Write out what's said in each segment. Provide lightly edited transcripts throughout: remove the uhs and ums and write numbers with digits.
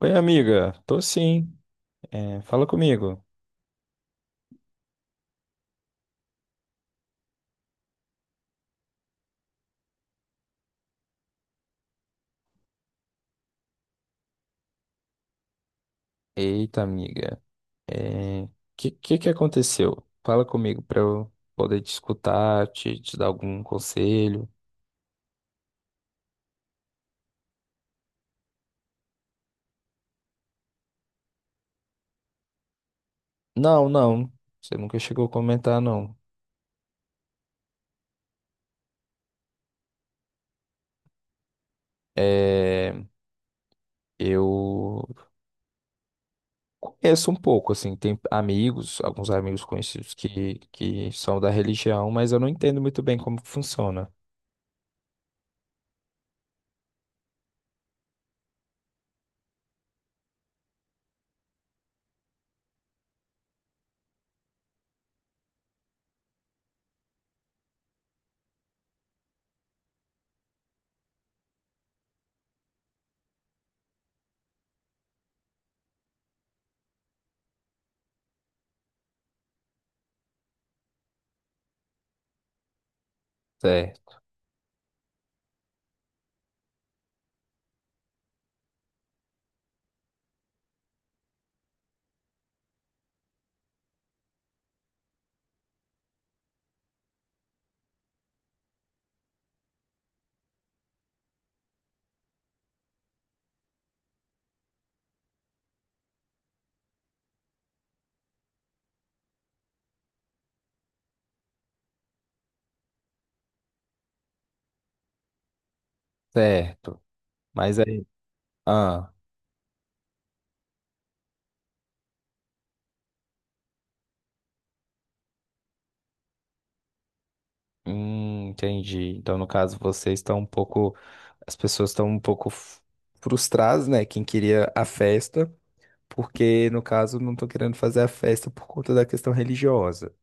Oi, amiga. Tô sim. É, fala comigo. Eita, amiga. É, que que aconteceu? Fala comigo pra eu poder te escutar, te dar algum conselho. Não, não. Você nunca chegou a comentar, não. É, eu conheço um pouco, assim. Tem amigos, alguns amigos conhecidos que são da religião, mas eu não entendo muito bem como funciona. Certo, certo. Mas aí. Ah. Entendi. Então, no caso, vocês estão um pouco. As pessoas estão um pouco frustradas, né? Quem queria a festa, porque, no caso, não estão querendo fazer a festa por conta da questão religiosa.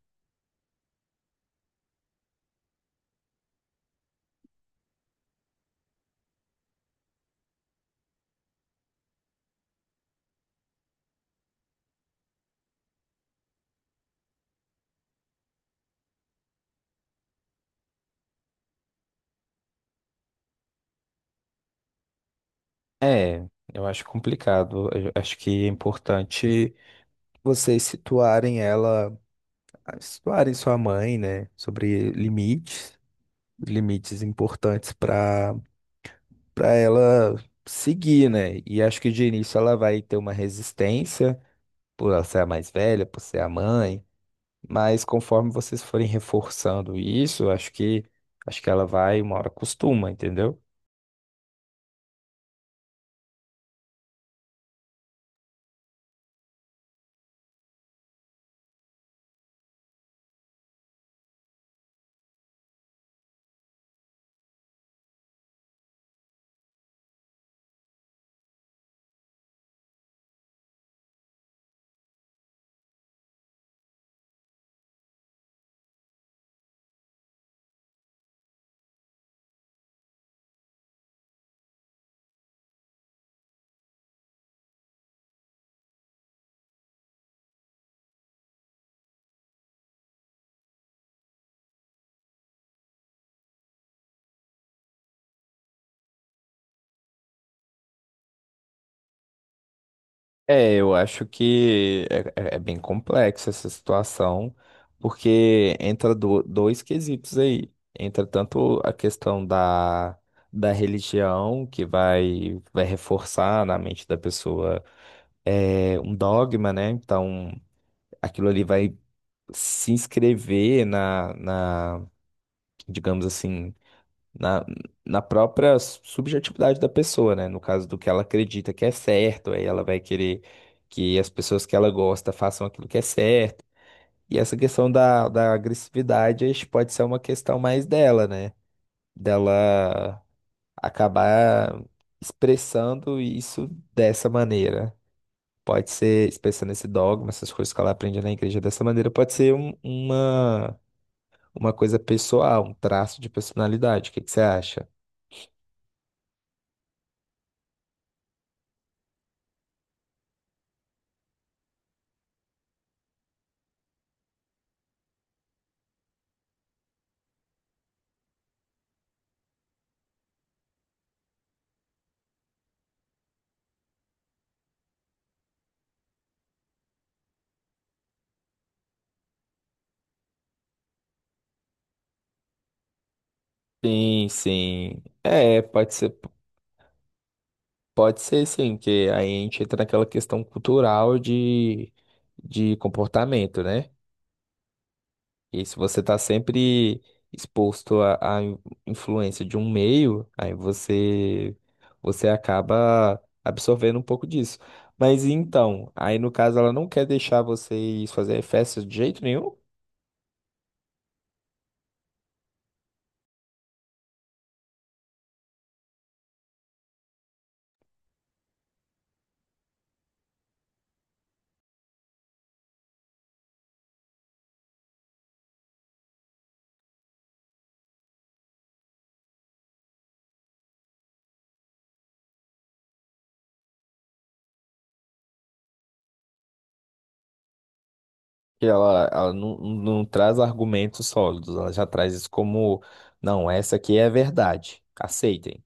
É, eu acho complicado. Eu acho que é importante vocês situarem ela, situarem sua mãe, né? Sobre limites, limites importantes para ela seguir, né? E acho que de início ela vai ter uma resistência por ela ser a mais velha, por ser a mãe. Mas conforme vocês forem reforçando isso, eu acho que ela vai uma hora costuma, entendeu? É, eu acho que é, é- É bem complexa essa situação, porque entra dois quesitos aí. Entra tanto a questão da religião, que vai reforçar na mente da pessoa um dogma, né? Então, aquilo ali vai se inscrever na, digamos assim, na, na própria subjetividade da pessoa, né? No caso do que ela acredita que é certo, aí ela vai querer que as pessoas que ela gosta façam aquilo que é certo. E essa questão da agressividade acho que pode ser uma questão mais dela, né? Dela acabar expressando isso dessa maneira. Pode ser expressando esse dogma, essas coisas que ela aprende na igreja dessa maneira, pode ser uma coisa pessoal, um traço de personalidade. O que que você acha? Sim, sim. É, pode ser sim, que aí a gente entra naquela questão cultural de comportamento, né? E se você tá sempre exposto à influência de um meio, aí você acaba absorvendo um pouco disso. Mas então, aí no caso ela não quer deixar vocês fazerem festas de jeito nenhum? Que ela não traz argumentos sólidos, ela já traz isso como: não, essa aqui é a verdade, aceitem.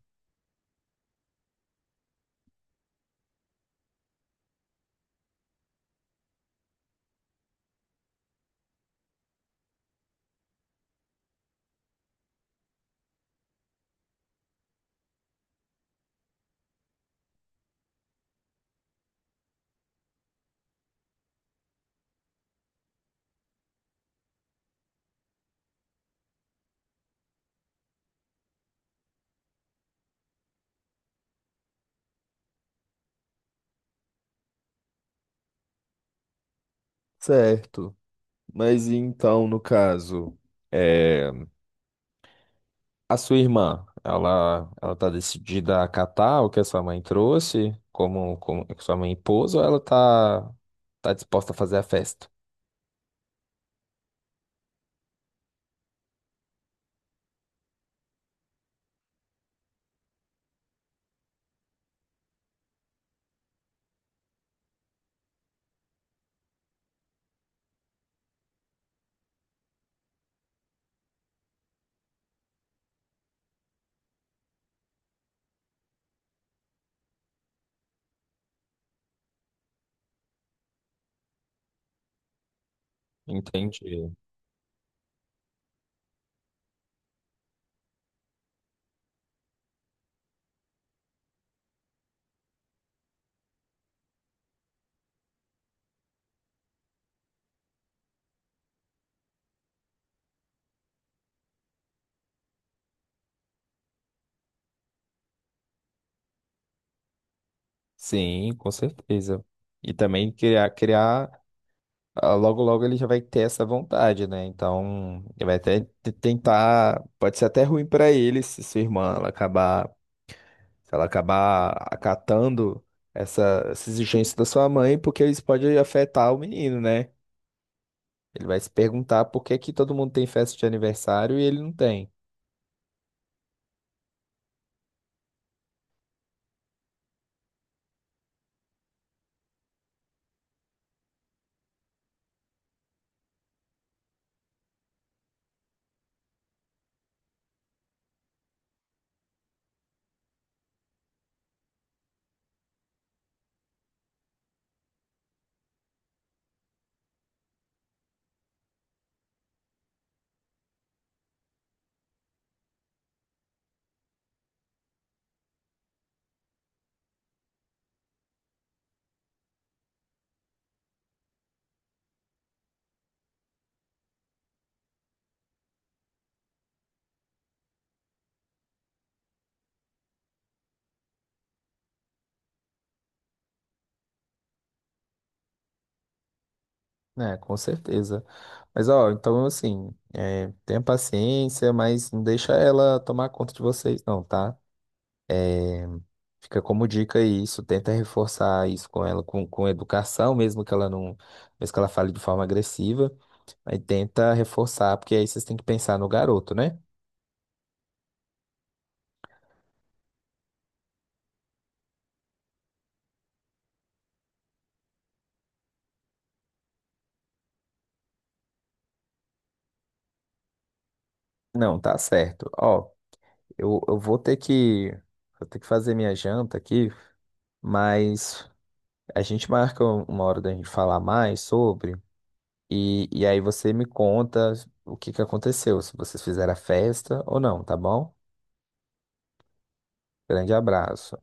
Certo. Mas e então, no caso, é, a sua irmã, ela tá decidida a acatar o que a sua mãe trouxe, como, como que sua mãe impôs, tá disposta a fazer a festa? Entendi. Sim, com certeza. E também criar, ah, logo logo ele já vai ter essa vontade, né? Então, ele vai até tentar, pode ser até ruim pra ele se sua irmã ela acabar, se ela acabar acatando essa exigência da sua mãe, porque isso pode afetar o menino, né? Ele vai se perguntar por que que todo mundo tem festa de aniversário e ele não tem, né? Com certeza. Mas ó, então assim, é, tenha paciência, mas não deixa ela tomar conta de vocês, não, tá? Fica como dica aí, isso, tenta reforçar isso com ela, com educação, mesmo que ela não, mesmo que ela fale de forma agressiva, aí tenta reforçar, porque aí vocês têm que pensar no garoto, né? Não, tá certo. Ó, eu vou ter vou ter que fazer minha janta aqui, mas a gente marca uma hora da gente falar mais sobre, e aí você me conta o que que aconteceu, se vocês fizeram a festa ou não, tá bom? Grande abraço.